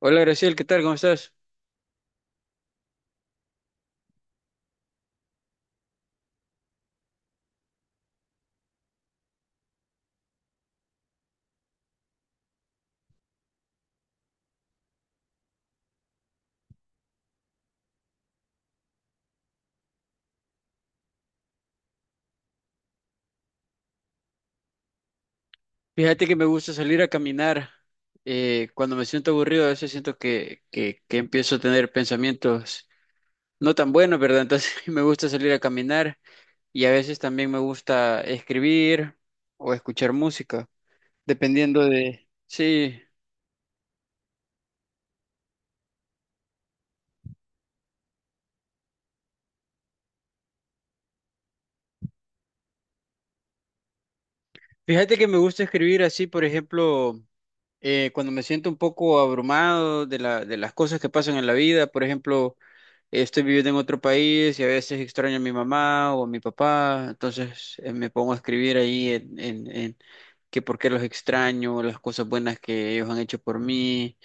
Hola Graciel, ¿qué tal? ¿Cómo estás? Fíjate que me gusta salir a caminar. Cuando me siento aburrido, a veces siento que empiezo a tener pensamientos no tan buenos, ¿verdad? Entonces me gusta salir a caminar, y a veces también me gusta escribir o escuchar música, dependiendo de... Sí, fíjate que me gusta escribir así. Por ejemplo, cuando me siento un poco abrumado de de las cosas que pasan en la vida, por ejemplo... Estoy viviendo en otro país y a veces extraño a mi mamá o a mi papá. Entonces me pongo a escribir ahí en que por qué los extraño, las cosas buenas que ellos han hecho por mí,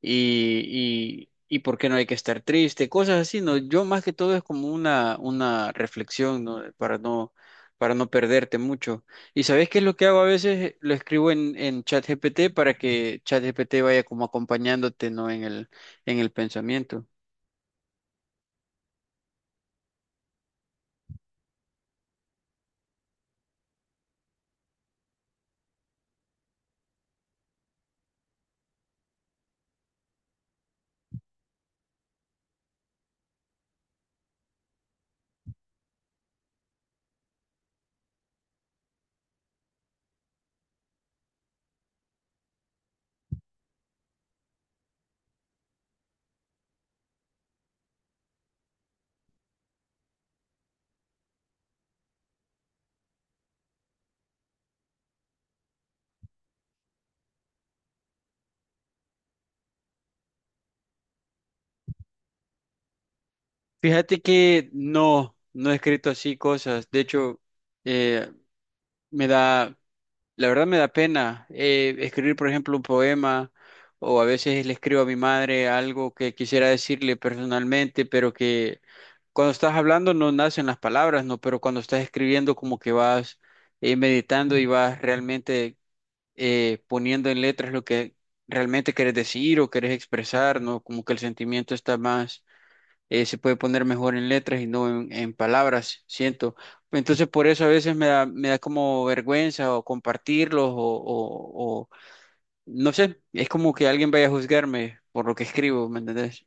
y por qué no hay que estar triste, cosas así, ¿no? Yo, más que todo, es como una reflexión, ¿no? Para no perderte mucho. ¿Y sabes qué es lo que hago a veces? Lo escribo en ChatGPT, para que ChatGPT vaya como acompañándote, ¿no? En el pensamiento. Fíjate que no, no he escrito así cosas. De hecho, eh, me da, la verdad me da pena escribir, por ejemplo, un poema, o a veces le escribo a mi madre algo que quisiera decirle personalmente, pero que cuando estás hablando no nacen las palabras, ¿no? Pero cuando estás escribiendo, como que vas meditando y vas realmente poniendo en letras lo que realmente quieres decir o quieres expresar, ¿no? Como que el sentimiento está más se puede poner mejor en letras y no en palabras, siento. Entonces por eso a veces me da como vergüenza, o compartirlos o, no sé, es como que alguien vaya a juzgarme por lo que escribo, ¿me entendés?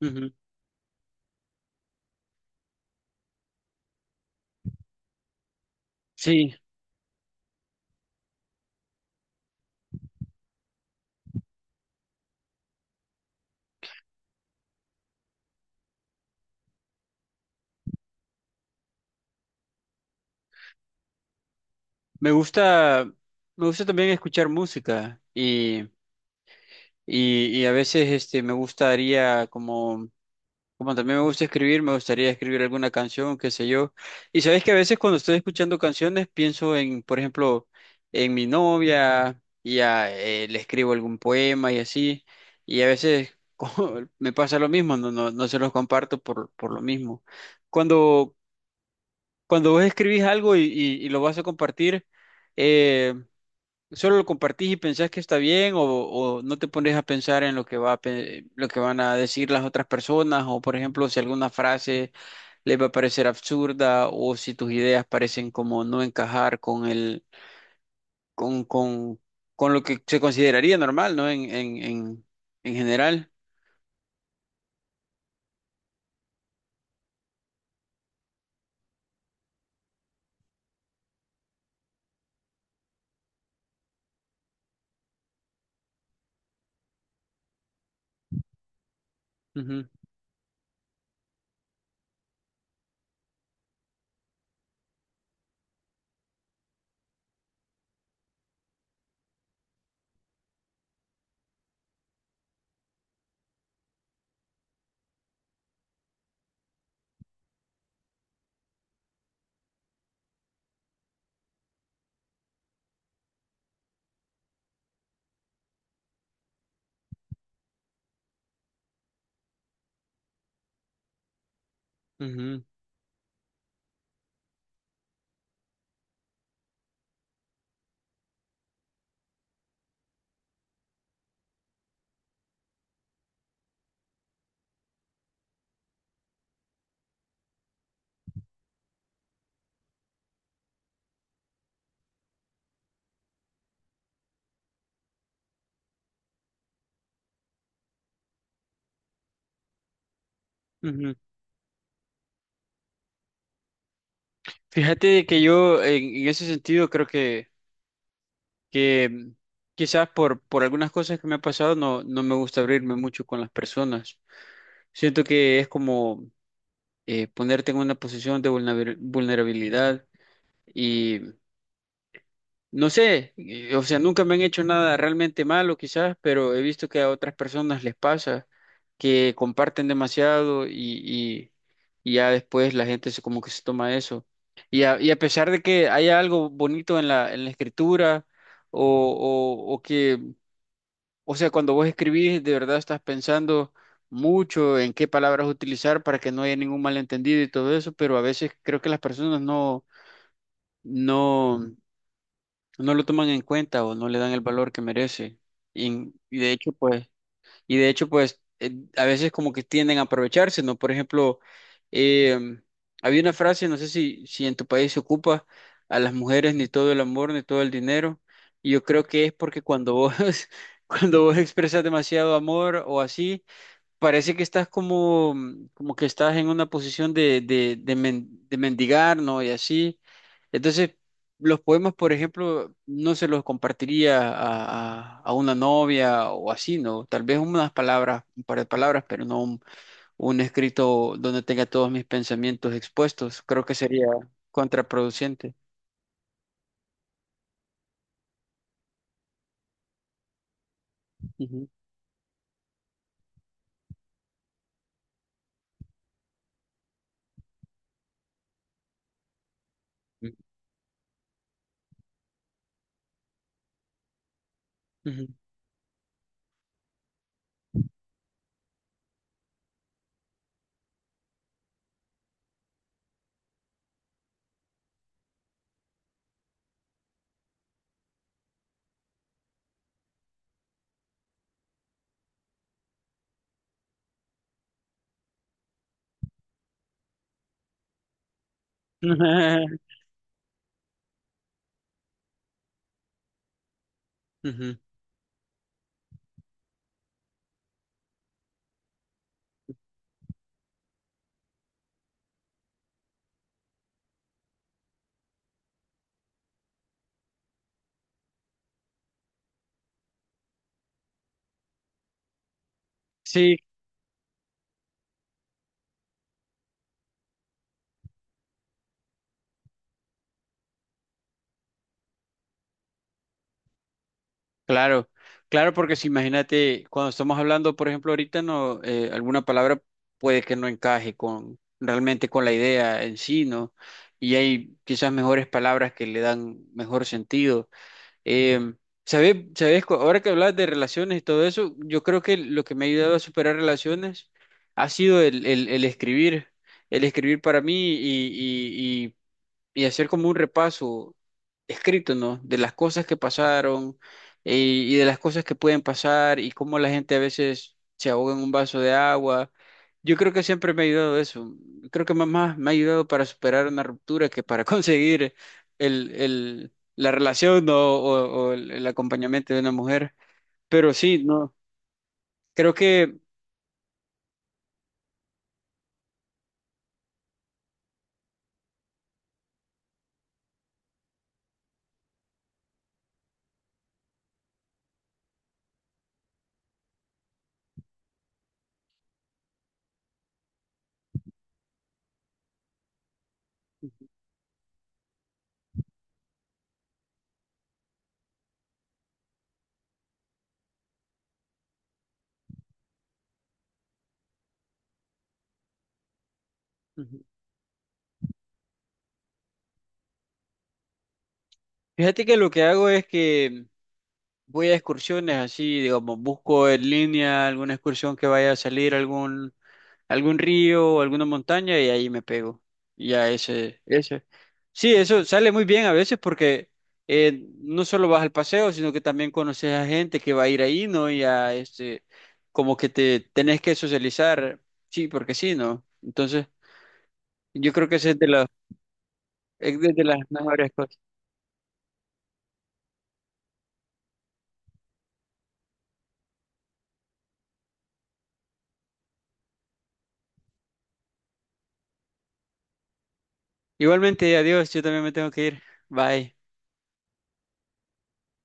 Ujú. Sí, me gusta, me gusta también escuchar música y a veces me gustaría como... Como también me gusta escribir, me gustaría escribir alguna canción, qué sé yo. Y sabes que a veces cuando estoy escuchando canciones pienso en, por ejemplo, en mi novia, y le escribo algún poema y así. Y a veces como me pasa lo mismo, no se los comparto por lo mismo. Cuando, cuando vos escribís algo y, y lo vas a compartir, eh, ¿solo lo compartís y pensás que está bien? O, ¿o no te pones a pensar en lo que va a, lo que van a decir las otras personas? O, por ejemplo, si alguna frase les va a parecer absurda, o si tus ideas parecen como no encajar con el con, con, con lo que se consideraría normal, ¿no? En general. Ujú, ujú, ujú. Fíjate de que yo en ese sentido creo que quizás por algunas cosas que me ha pasado, no, no me gusta abrirme mucho con las personas. Siento que es como ponerte en una posición de vulnerabilidad y no sé, o sea, nunca me han hecho nada realmente malo, quizás, pero he visto que a otras personas les pasa que comparten demasiado y ya después la gente se, como que se toma eso. Y a pesar de que haya algo bonito en en la escritura o que O sea, cuando vos escribís, de verdad estás pensando mucho en qué palabras utilizar para que no haya ningún malentendido y todo eso, pero a veces creo que las personas no, no lo toman en cuenta o no le dan el valor que merece. Y de hecho, pues y de hecho, pues a veces como que tienden a aprovecharse, ¿no? Por ejemplo, em, había una frase, no sé si, si en tu país se ocupa: a las mujeres ni todo el amor, ni todo el dinero. Y yo creo que es porque cuando vos, cuando vos expresas demasiado amor o así, parece que estás como, como que estás en una posición de, de mendigar, ¿no? Y así. Entonces, los poemas, por ejemplo, no se los compartiría a, a una novia o así, ¿no? Tal vez unas palabras, un par de palabras, pero no un, un escrito donde tenga todos mis pensamientos expuestos. Creo que sería contraproducente. Ujú. Ujú. Ujú. Sí, claro, claro, porque si imagínate, cuando estamos hablando, por ejemplo, ahorita no, alguna palabra puede que no encaje con realmente con la idea en sí, ¿no? Y hay quizás mejores palabras que le dan mejor sentido. Eh, ¿Sabes, sabes? Ahora que hablas de relaciones y todo eso, yo creo que lo que me ha ayudado a superar relaciones ha sido el escribir para mí, y hacer como un repaso escrito, ¿no? De las cosas que pasaron y de las cosas que pueden pasar, y cómo la gente a veces se ahoga en un vaso de agua. Yo creo que siempre me ha ayudado eso. Creo que más me ha ayudado para superar una ruptura que para conseguir la relación, ¿no? O, o el acompañamiento de una mujer. Pero sí, no, creo que, fíjate que lo que hago es que voy a excursiones así, digamos, busco en línea alguna excursión que vaya a salir a algún, algún río o alguna montaña, y ahí me pego. Y ya ese... Sí, eso sale muy bien a veces porque no solo vas al paseo, sino que también conoces a gente que va a ir ahí, ¿no? Y a este, como que te tenés que socializar, sí, porque sí, ¿no? Entonces, yo creo que esa es de las, es de las mejores cosas. Igualmente, adiós, yo también me tengo que ir. Bye.